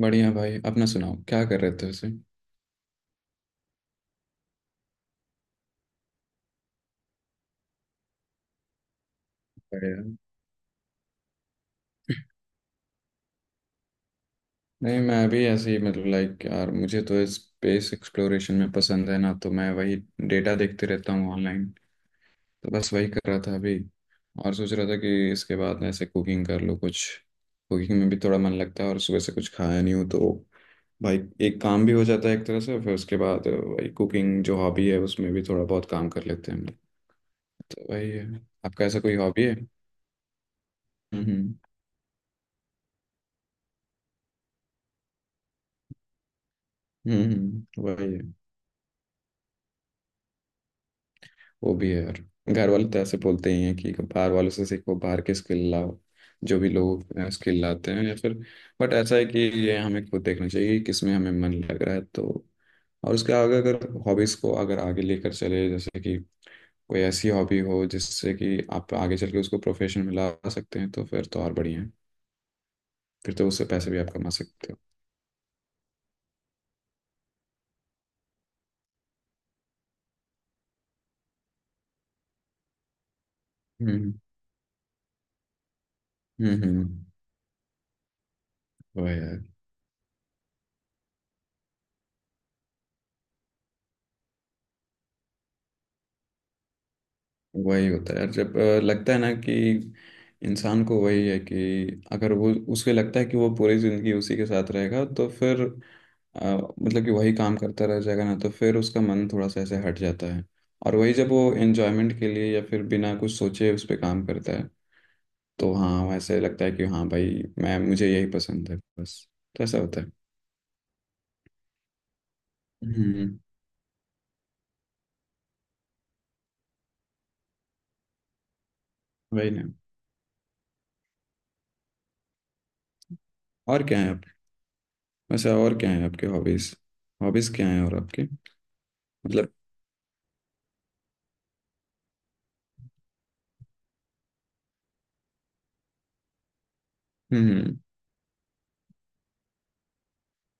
बढ़िया भाई, अपना सुनाओ, क्या कर रहे थे उसे। बढ़िया। नहीं, मैं अभी ऐसे ही मतलब लाइक यार, मुझे तो स्पेस एक्सप्लोरेशन में पसंद है ना, तो मैं वही डेटा देखते रहता हूँ ऑनलाइन। तो बस वही कर रहा था अभी। और सोच रहा था कि इसके बाद ऐसे कुकिंग कर लो कुछ। कुकिंग में भी थोड़ा मन लगता है और सुबह से कुछ खाया नहीं हूँ तो भाई एक काम भी हो जाता है एक तरह से। फिर उसके बाद वही कुकिंग जो हॉबी है उसमें भी थोड़ा बहुत काम कर लेते हैं हम लोग। तो वही है। आपका ऐसा कोई हॉबी है? हम्म। हम्म, वही है। वो भी है यार। घर वाले तो ऐसे बोलते ही हैं कि बाहर वालों से सीखो, बाहर के स्किल लाओ। जो भी लोग स्किल लाते हैं या फिर बट ऐसा है कि ये हमें खुद देखना चाहिए कि किस में हमें मन लग रहा है। तो और उसके आगे अगर हॉबीज़ को अगर आगे लेकर चले जैसे कि कोई ऐसी हॉबी हो जिससे कि आप आगे चल के उसको प्रोफेशन में ला सकते हैं तो फिर तो और बढ़िया है। फिर तो उससे पैसे भी आप कमा सकते हो। हम्म हम्म हम्म। वही है। वही होता है यार। जब लगता है ना कि इंसान को वही है कि अगर वो उसे लगता है कि वो पूरी जिंदगी उसी के साथ रहेगा तो फिर अ, मतलब कि वही काम करता रह जाएगा ना तो फिर उसका मन थोड़ा सा ऐसे हट जाता है। और वही जब वो एन्जॉयमेंट के लिए या फिर बिना कुछ सोचे उस पर काम करता है तो हाँ वैसे लगता है कि हाँ भाई मैं मुझे यही पसंद है बस। तो ऐसा होता है। हम्म, वही ना। और क्या है आप, वैसे और क्या है आपके हॉबीज, हॉबीज क्या है और आपके? मतलब। हम्म।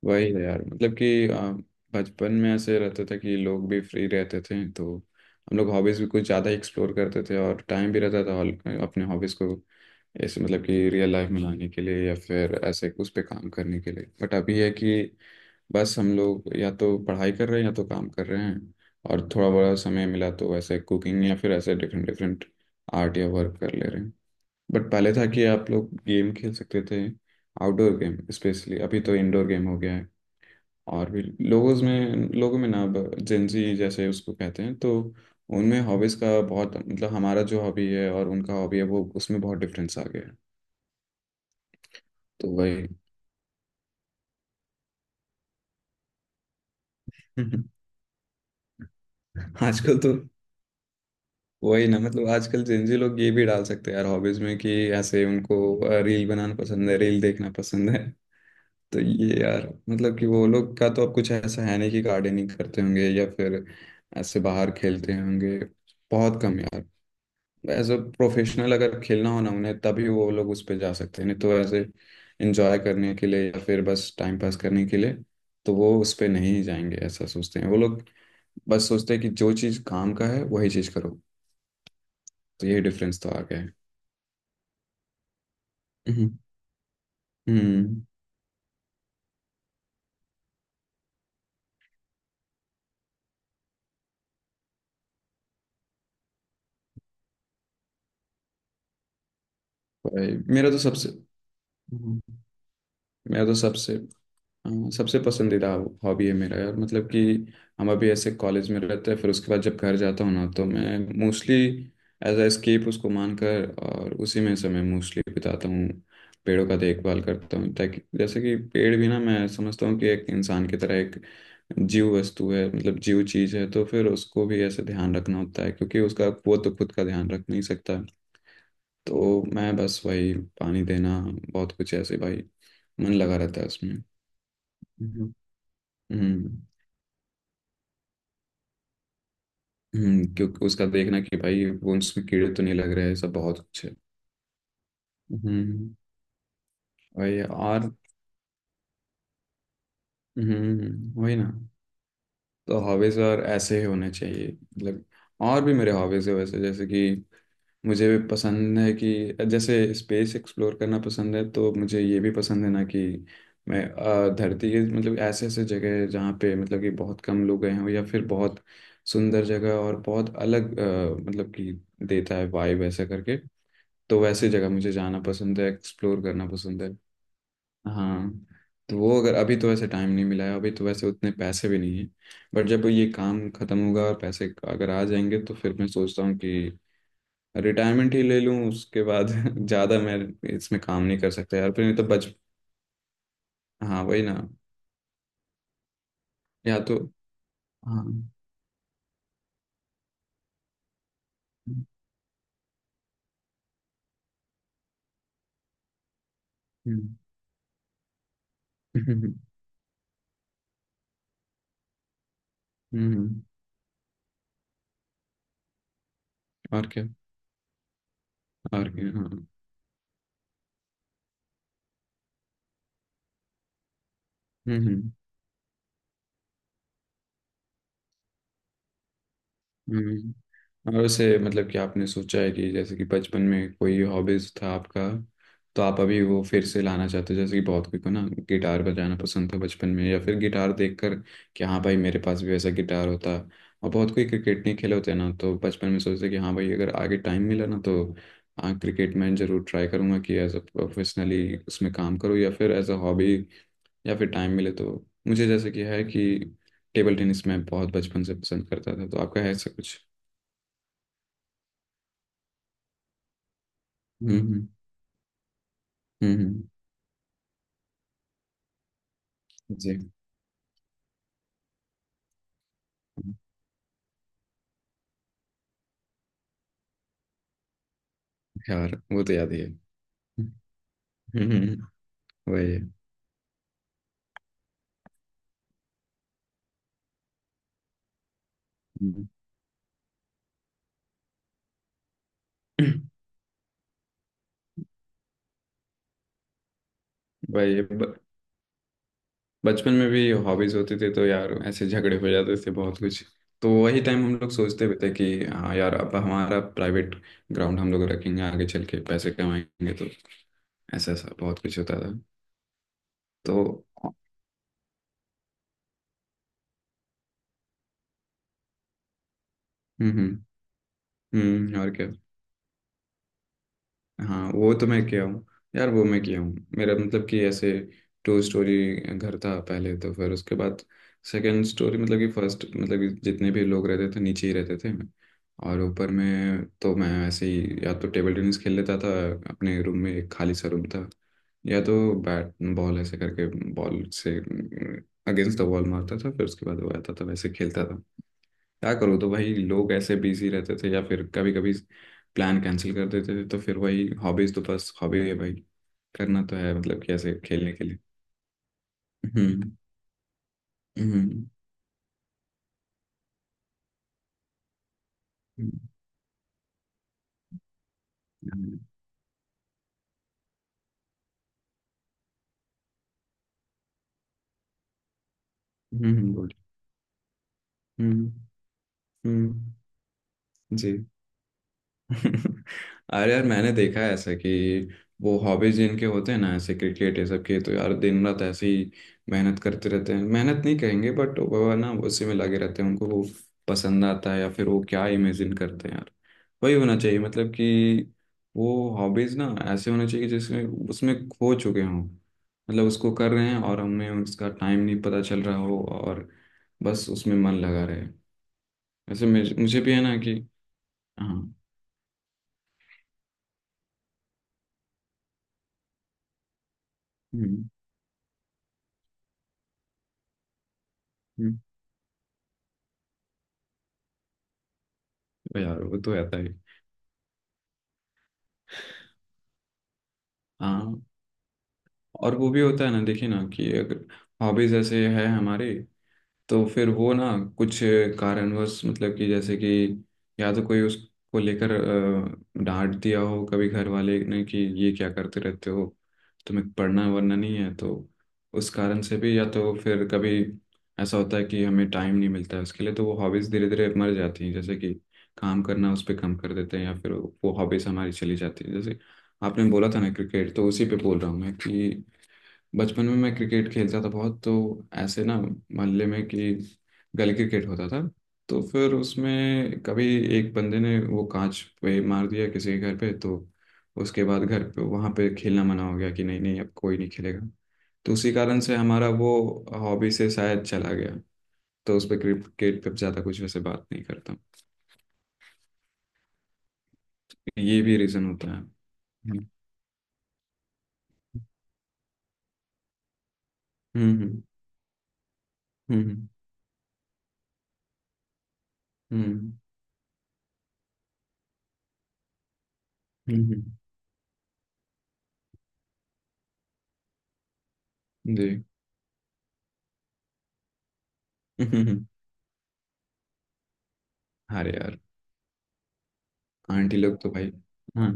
वही है यार। मतलब कि बचपन में ऐसे रहता था कि लोग भी फ्री रहते थे तो हम लोग हॉबीज़ भी कुछ ज़्यादा एक्सप्लोर करते थे और टाइम भी रहता था अपने हॉबीज़ को ऐसे मतलब कि रियल लाइफ में लाने के लिए या फिर ऐसे उस पे काम करने के लिए। बट अभी है कि बस हम लोग या तो पढ़ाई कर रहे हैं या तो काम कर रहे हैं। और थोड़ा बड़ा समय मिला तो ऐसे कुकिंग या फिर ऐसे डिफरेंट डिफरेंट आर्ट या वर्क कर ले रहे हैं। बट पहले था कि आप लोग गेम खेल सकते थे, आउटडोर गेम स्पेशली। अभी तो इंडोर गेम हो गया है। और भी लोगों में ना अब जेंजी जैसे उसको कहते हैं, तो उनमें हॉबीज़ का बहुत मतलब हमारा जो हॉबी है और उनका हॉबी है वो उसमें बहुत डिफरेंस आ गया है। तो वही। आजकल तो वही ना। मतलब आजकल जेंजी लोग ये भी डाल सकते हैं यार हॉबीज़ में कि ऐसे उनको रील बनाना पसंद है, रील देखना पसंद है। तो ये यार मतलब कि वो लोग का तो अब कुछ ऐसा है नहीं कि गार्डनिंग करते होंगे या फिर ऐसे बाहर खेलते होंगे। बहुत कम यार। एज अ प्रोफेशनल अगर खेलना हो ना उन्हें तभी वो लोग उस पे जा सकते हैं। नहीं तो ऐसे एंजॉय करने के लिए या फिर बस टाइम पास करने के लिए तो वो उस पे नहीं जाएंगे, ऐसा सोचते हैं वो लोग। बस सोचते हैं कि जो चीज़ काम का है वही चीज़ करो। तो यही डिफरेंस तो आ गया है। हम्म हम्म, भाई मेरा तो सबसे, हम्म, मेरा तो सबसे हाँ, सबसे पसंदीदा हॉबी है मेरा यार। मतलब कि हम अभी ऐसे कॉलेज में रहते हैं, फिर उसके बाद जब घर जाता हूँ ना तो मैं मोस्टली एज अ एस्केप उसको मानकर और उसी में समय मोस्टली बिताता हूँ। पेड़ों का देखभाल करता हूँ, ताकि जैसे कि पेड़ भी ना मैं समझता हूँ कि एक इंसान की तरह एक जीव वस्तु है, मतलब जीव चीज है, तो फिर उसको भी ऐसे ध्यान रखना होता है क्योंकि उसका वो तो खुद का ध्यान रख नहीं सकता। तो मैं बस वही पानी देना, बहुत कुछ ऐसे भाई, मन लगा रहता है उसमें। हम्म हम्म, क्योंकि उसका देखना कि भाई वो उसमें कीड़े तो नहीं लग रहे हैं, सब बहुत कुछ है। हम्म, वही। और हम्म, वही ना। तो हॉबीज और ऐसे ही होने चाहिए मतलब। और भी मेरे हॉबीज है वैसे, जैसे कि मुझे भी पसंद है कि जैसे स्पेस एक्सप्लोर करना पसंद है, तो मुझे ये भी पसंद है ना कि मैं धरती के मतलब ऐसे ऐसे जगह है जहाँ पे मतलब कि बहुत कम लोग गए हों या फिर बहुत सुंदर जगह और बहुत अलग मतलब कि देता है वाइब ऐसा करके। तो वैसे जगह मुझे जाना पसंद है, एक्सप्लोर करना पसंद है। हाँ। तो वो अगर अभी तो वैसे टाइम नहीं मिला है, अभी तो वैसे उतने पैसे भी नहीं है। बट जब ये काम खत्म होगा और पैसे अगर आ जाएंगे तो फिर मैं सोचता हूँ कि रिटायरमेंट ही ले लूँ उसके बाद। ज़्यादा मैं इसमें काम नहीं कर सकता यार फिर, नहीं तो बच। हाँ, वही ना। या तो हाँ। हम्म। हम्म, हम्म, हम्म, और क्या। और क्या? हाँ। हम्म हम्म हम्म। और वैसे मतलब कि आपने सोचा है कि जैसे कि बचपन में कोई हॉबीज था आपका तो आप अभी वो फिर से लाना चाहते हो? जैसे कि बहुत कोई को ना गिटार बजाना पसंद था बचपन में या फिर गिटार देखकर कि हाँ भाई मेरे पास भी वैसा गिटार होता। और बहुत कोई क्रिकेट नहीं खेले होते हैं ना, तो बचपन में सोचते कि हाँ भाई अगर आगे टाइम मिला ना तो हाँ क्रिकेट में जरूर ट्राई करूँगा कि एज अ प्रोफेशनली उसमें काम करूँ या फिर एज अ हॉबी, या फिर टाइम मिले तो। मुझे जैसे कि है कि टेबल टेनिस मैं बहुत बचपन से पसंद करता था, तो आपका है ऐसा कुछ? हम्म हम्म, जी। यार वो तो याद ही है। हम्म, वही है। हम्म, वही है। बचपन में भी हॉबीज होती थी तो यार ऐसे झगड़े हो जाते थे बहुत कुछ। तो वही टाइम हम लोग सोचते भी थे कि हाँ यार अब हमारा प्राइवेट ग्राउंड हम लोग रखेंगे आगे चल के, पैसे कमाएंगे तो ऐसा ऐसा बहुत कुछ होता था। तो हम्म, और क्या। हाँ वो तो मैं किया हूँ। यार वो मैं किया हूँ, मेरा मतलब कि ऐसे टू स्टोरी घर था पहले, तो फिर उसके बाद सेकंड स्टोरी मतलब कि फर्स्ट मतलब कि जितने भी लोग रहते थे नीचे ही रहते थे। और ऊपर में तो मैं ऐसे ही या तो टेबल टेनिस खेल लेता था अपने रूम में, एक खाली सा रूम था, या तो बैट बॉल ऐसे करके बॉल से अगेंस्ट द वॉल मारता था, फिर उसके बाद वो आता था वैसे खेलता था। क्या करो, तो भाई लोग ऐसे बिजी रहते थे या फिर कभी कभी प्लान कैंसिल कर देते थे, तो फिर वही हॉबीज तो बस हॉबी है भाई, करना तो है मतलब कि ऐसे खेलने के लिए। हम्म, हम्म, हम्म, बोल। हम्म, हम्म, जी। अरे यार मैंने देखा है ऐसा कि वो हॉबीज जिनके होते हैं ना ऐसे क्रिकेट ये सब के, तो यार दिन रात ऐसे ही मेहनत करते रहते हैं, मेहनत नहीं कहेंगे बट वो ना उसी में लगे रहते हैं, उनको वो पसंद आता है या फिर वो क्या इमेजिन करते हैं वही होना चाहिए। मतलब कि वो हॉबीज ना ऐसे होने चाहिए कि जिसमें उसमें खो चुके हों, मतलब उसको कर रहे हैं और हमें उसका टाइम नहीं पता चल रहा हो और बस उसमें मन लगा रहे। वैसे मुझे मुझे भी है ना कि हाँ। हम्म, हम्म, वो यार वो तो आता ही। हाँ। और वो भी होता है ना, देखिए ना, कि अगर हॉबीज ऐसे है हमारे तो फिर वो ना कुछ कारणवश मतलब कि जैसे कि या तो कोई उसको लेकर डांट दिया हो कभी घर वाले ने कि ये क्या करते रहते हो, तुम्हें पढ़ना वरना नहीं है, तो उस कारण से भी या तो फिर कभी ऐसा होता है कि हमें टाइम नहीं मिलता है उसके लिए, तो वो हॉबीज़ धीरे धीरे मर जाती हैं। जैसे कि काम करना उस पर कम कर देते हैं या फिर वो हॉबीज़ हमारी चली जाती है। जैसे आपने बोला था ना क्रिकेट, तो उसी पे बोल रहा हूँ मैं कि बचपन में मैं क्रिकेट खेलता था बहुत, तो ऐसे ना मोहल्ले में कि गली क्रिकेट होता था, तो फिर उसमें कभी एक बंदे ने वो कांच पे मार दिया किसी के घर पे, तो उसके बाद घर पे वहाँ पे खेलना मना हो गया कि नहीं नहीं अब कोई नहीं खेलेगा। तो उसी कारण से हमारा वो हॉबी से शायद चला गया। तो उस पर क्रिकेट पे ज़्यादा कुछ वैसे बात नहीं करता। ये भी रीज़न होता है। हम्म हम्म हम्म हम्म हम्म, जी। अरे यार, आंटी लोग तो भाई। हाँ।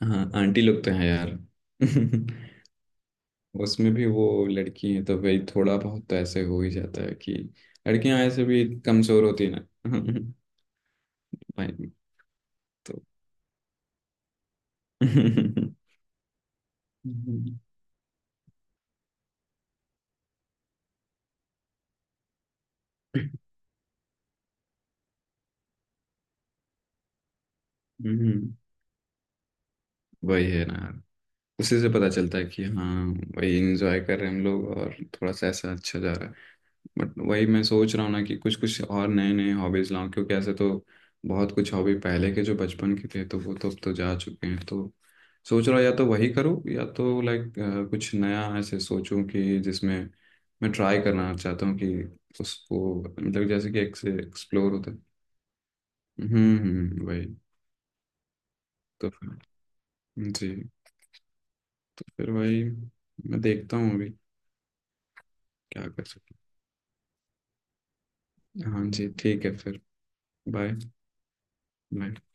हाँ आंटी लोग तो हैं यार। उसमें भी वो लड़की हैं तो भाई थोड़ा बहुत तो ऐसे हो ही जाता है कि लड़कियां ऐसे भी कमजोर होती है ना। भाई। तो हम्म, वही है ना यार, उसी से पता चलता है कि हाँ भाई इंजॉय कर रहे हैं हम लोग और थोड़ा सा ऐसा अच्छा जा रहा है। बट वही मैं सोच रहा हूँ ना कि कुछ कुछ और नए नए हॉबीज लाऊं, क्योंकि ऐसे तो बहुत कुछ हॉबी पहले के जो बचपन के थे तो वो तो अब तो जा चुके हैं, तो सोच रहा हूँ या तो वही करूँ या तो लाइक कुछ नया ऐसे सोचूं कि जिसमें मैं ट्राई करना चाहता हूँ कि उसको मतलब जैसे कि एक से एक्सप्लोर होता है। हम्म, वही। तो फिर जी, तो फिर वही मैं देखता हूँ अभी क्या कर सकता हूँ। हाँ जी ठीक है फिर। बाय। बाय।